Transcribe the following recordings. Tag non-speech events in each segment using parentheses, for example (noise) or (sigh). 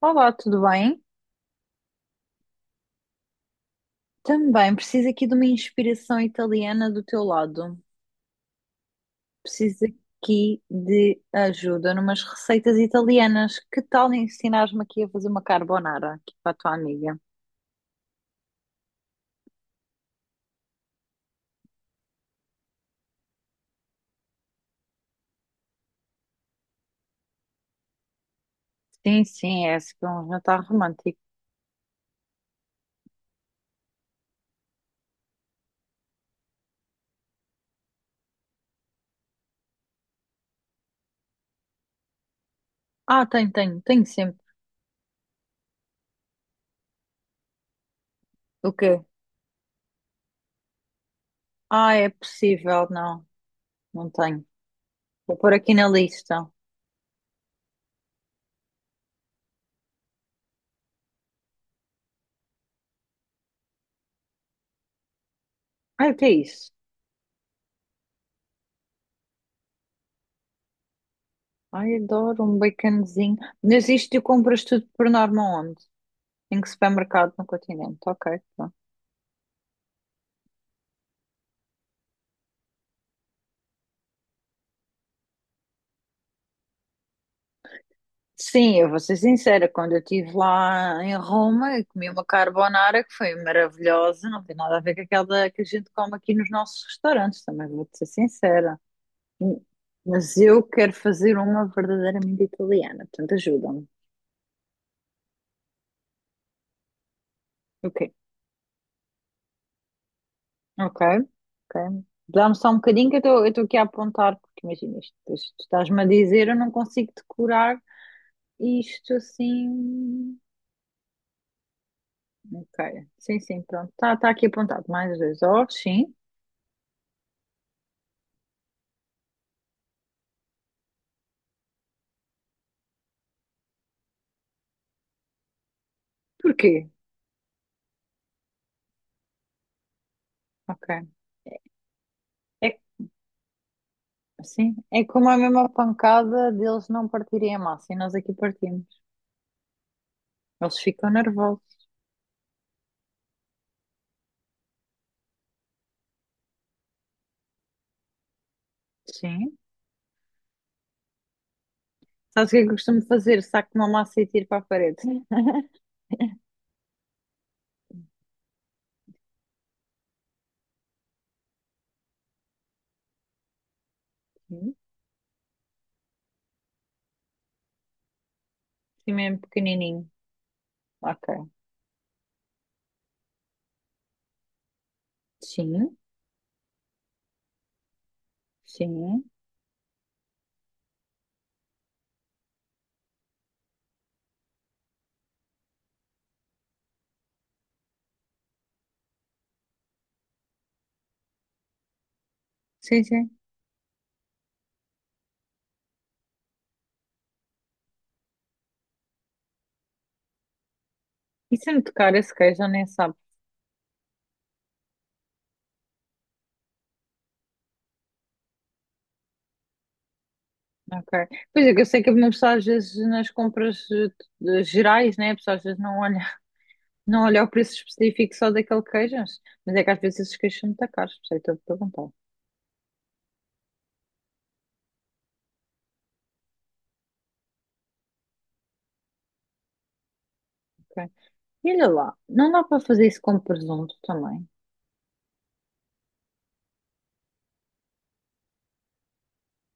Olá, tudo bem? Também preciso aqui de uma inspiração italiana do teu lado. Preciso aqui de ajuda numas receitas italianas. Que tal ensinares-me aqui a fazer uma carbonara aqui para a tua amiga? Sim, sim, é esse que é um jantar romântico. Ah, tenho, tenho, tenho sempre. O quê? Ah, é possível, não, não tenho. Vou pôr aqui na lista. Ai, o que é isso? Ai, adoro um baconzinho. Mas isto tu compras tudo por norma onde? Em que supermercado no continente? Ok, pronto. Sim, eu vou ser sincera, quando eu estive lá em Roma, eu comi uma carbonara que foi maravilhosa, não tem nada a ver com aquela que a gente come aqui nos nossos restaurantes, também vou-te ser sincera. Hum. Mas eu quero fazer uma verdadeiramente italiana, portanto ajuda-me. Ok, ok, ok. Dá-me só um bocadinho que eu estou aqui a apontar, porque imagina isto, depois tu estás-me a dizer, eu não consigo decorar isto assim. Ok, sim, sim, pronto, está tá tá aqui apontado, mais dois ovos, sim. Porquê? Ok. É, sim, é como a mesma pancada deles não partirem a massa e nós aqui partimos. Eles ficam nervosos. Sim. Sabes o que é que eu costumo fazer? Saco uma massa e tiro para a parede. Sim. Sim, mesmo pequenininho. Ok. Sim, sim. Sim, sim. E se me tocar esse queijo, eu nem sabe. Ok. Pois é, que eu sei que uma pessoa às vezes nas compras gerais, né? A pessoa às vezes não olha, (laughs) não olha o preço específico só daquele queijo, mas é que às vezes esses queijos são muito caros, por isso é que estou a perguntar. Ok. E olha lá, não dá para fazer isso com presunto também.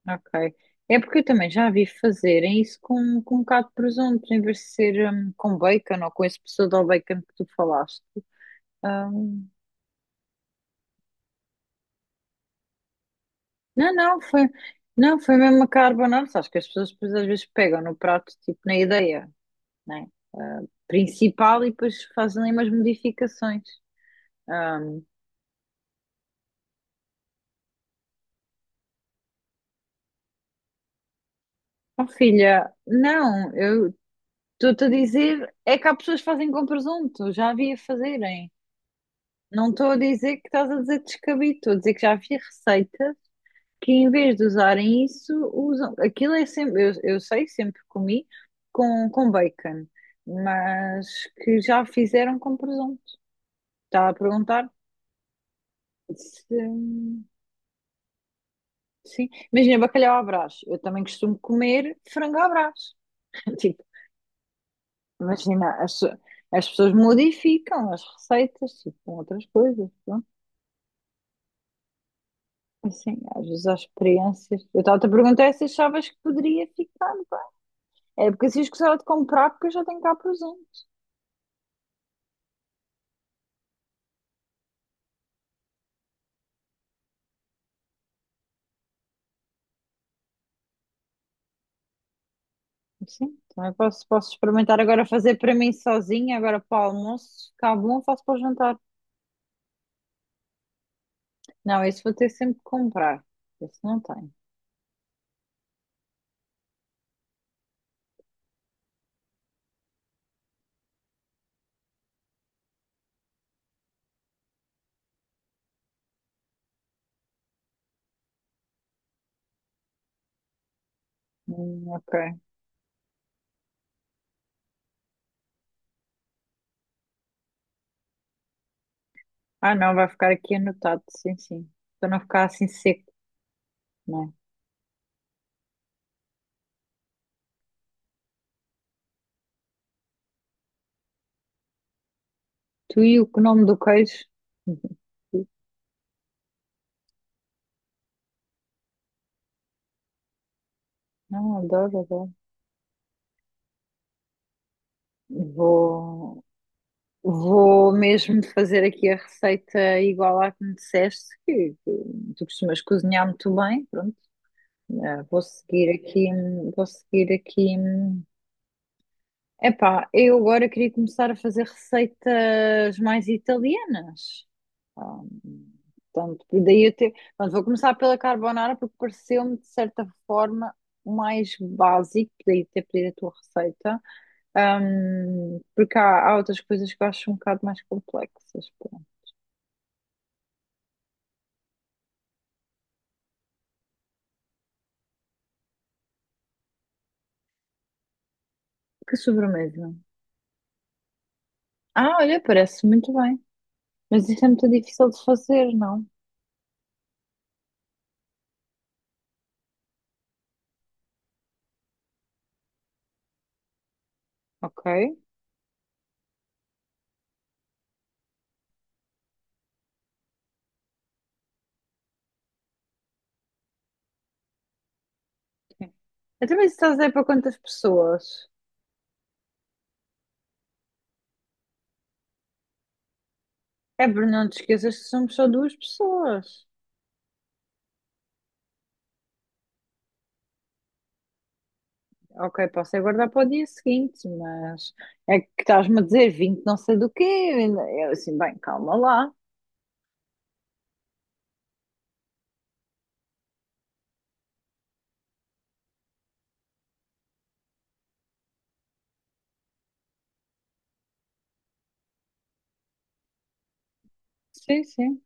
Ok. É porque eu também já vi fazerem isso com um bocado de presunto, em vez de ser com bacon ou com esse pseudo bacon que tu falaste. Hum, não, não, foi, não, foi mesmo a carbonara. Acho que as pessoas depois às vezes pegam no prato, tipo na ideia, né? Principal e depois fazem ali umas modificações. Hum, oh, filha, não, eu estou-te a dizer, é que há pessoas que fazem com presunto, já havia fazerem. Não estou a dizer que estás a dizer descabido, estou a dizer que já havia receita que em vez de usarem isso, usam. Aquilo é sempre, eu sei, sempre comi com bacon, mas que já fizeram com presunto. Está a perguntar se. Sim, imagina bacalhau à Brás. Eu também costumo comer frango à Brás. (laughs) Tipo, imagina, as pessoas modificam as receitas, tipo, com outras coisas. Pronto. Assim, às vezes há experiências. Eu estava a perguntar se achavas que poderia ficar. É porque se eu gostava de comprar, porque eu já tenho cá presente. Sim, também posso, posso experimentar agora fazer para mim sozinha, agora para o almoço, se ficar bom, faço para o jantar. Não, esse vou ter sempre que comprar. Esse não tenho. Ok. Ah, não, vai ficar aqui anotado, sim, sim. Para não ficar assim seco, né? Tu e o que nome do queijo? (laughs) Não, adoro, adoro. Vou, vou mesmo fazer aqui a receita igual à que me disseste, que tu costumas cozinhar muito bem, pronto. Ah, vou seguir aqui, vou seguir aqui. Hum. Epá, eu agora queria começar a fazer receitas mais italianas. Ah, portanto, e daí eu te... Portanto, vou começar pela carbonara porque pareceu-me de certa forma o mais básico, daí ter pedido a tua receita. Porque há, há outras coisas que eu acho um bocado mais complexas. Pronto. Que sobremesa? Ah, olha, parece muito bem. Mas isso é muito difícil de fazer, não? Ok. Sim. Eu também estás a dizer para quantas pessoas? É, Bruno, não te esqueças que somos só duas pessoas. Ok, posso aguardar para o dia seguinte, mas é que estás-me a dizer 20 não sei do quê. Eu assim, bem, calma lá. Sim, sim.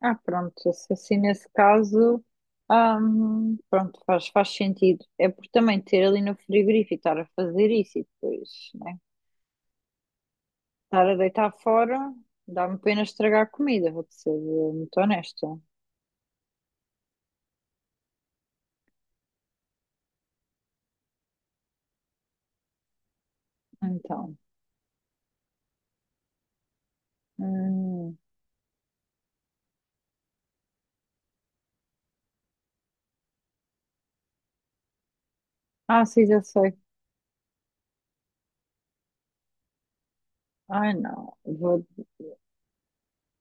Ah, pronto, se assim nesse caso, pronto, faz, faz sentido. É por também ter ali no frigorífico, e estar a fazer isso e depois, né? Estar a deitar fora, dá-me pena estragar a comida, vou-te ser muito honesta. Então. Hum. Ah, sim, já sei. Ai, não. Vou...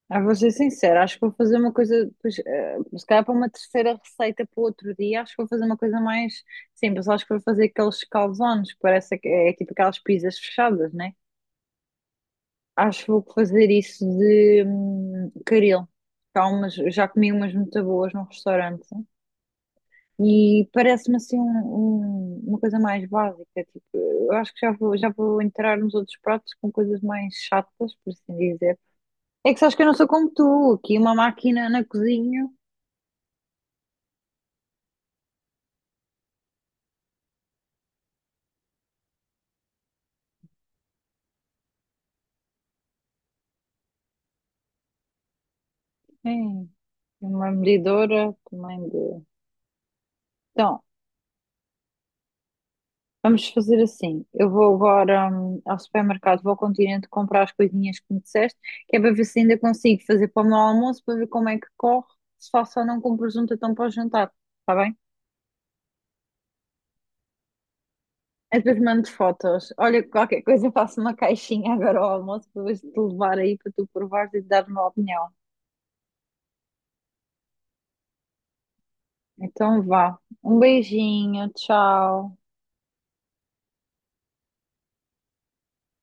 Ah, vou ser sincera, acho que vou fazer uma coisa, pois, se calhar para uma terceira receita para o outro dia, acho que vou fazer uma coisa mais simples. Acho que vou fazer aqueles calzones, parece que é tipo aquelas pizzas fechadas, né? Acho que vou fazer isso de caril. Tá, umas, já comi umas muito boas num restaurante e parece-me assim uma coisa mais básica. Tipo, eu acho que já vou entrar nos outros pratos com coisas mais chatas, por assim dizer. É que sabes que eu não sou como tu, aqui uma máquina na cozinha, hein, uma medidora também de. Então, vamos fazer assim. Eu vou agora, ao supermercado, vou ao Continente comprar as coisinhas que me disseste, que é para ver se ainda consigo fazer para o meu almoço, para ver como é que corre, se faço ou não com presunto então para o jantar, está bem? E depois mando fotos. Olha, qualquer coisa (laughs) eu faço uma caixinha agora ao almoço para depois te levar aí para tu provares e te dar uma opinião. Então vá. Um beijinho, tchau.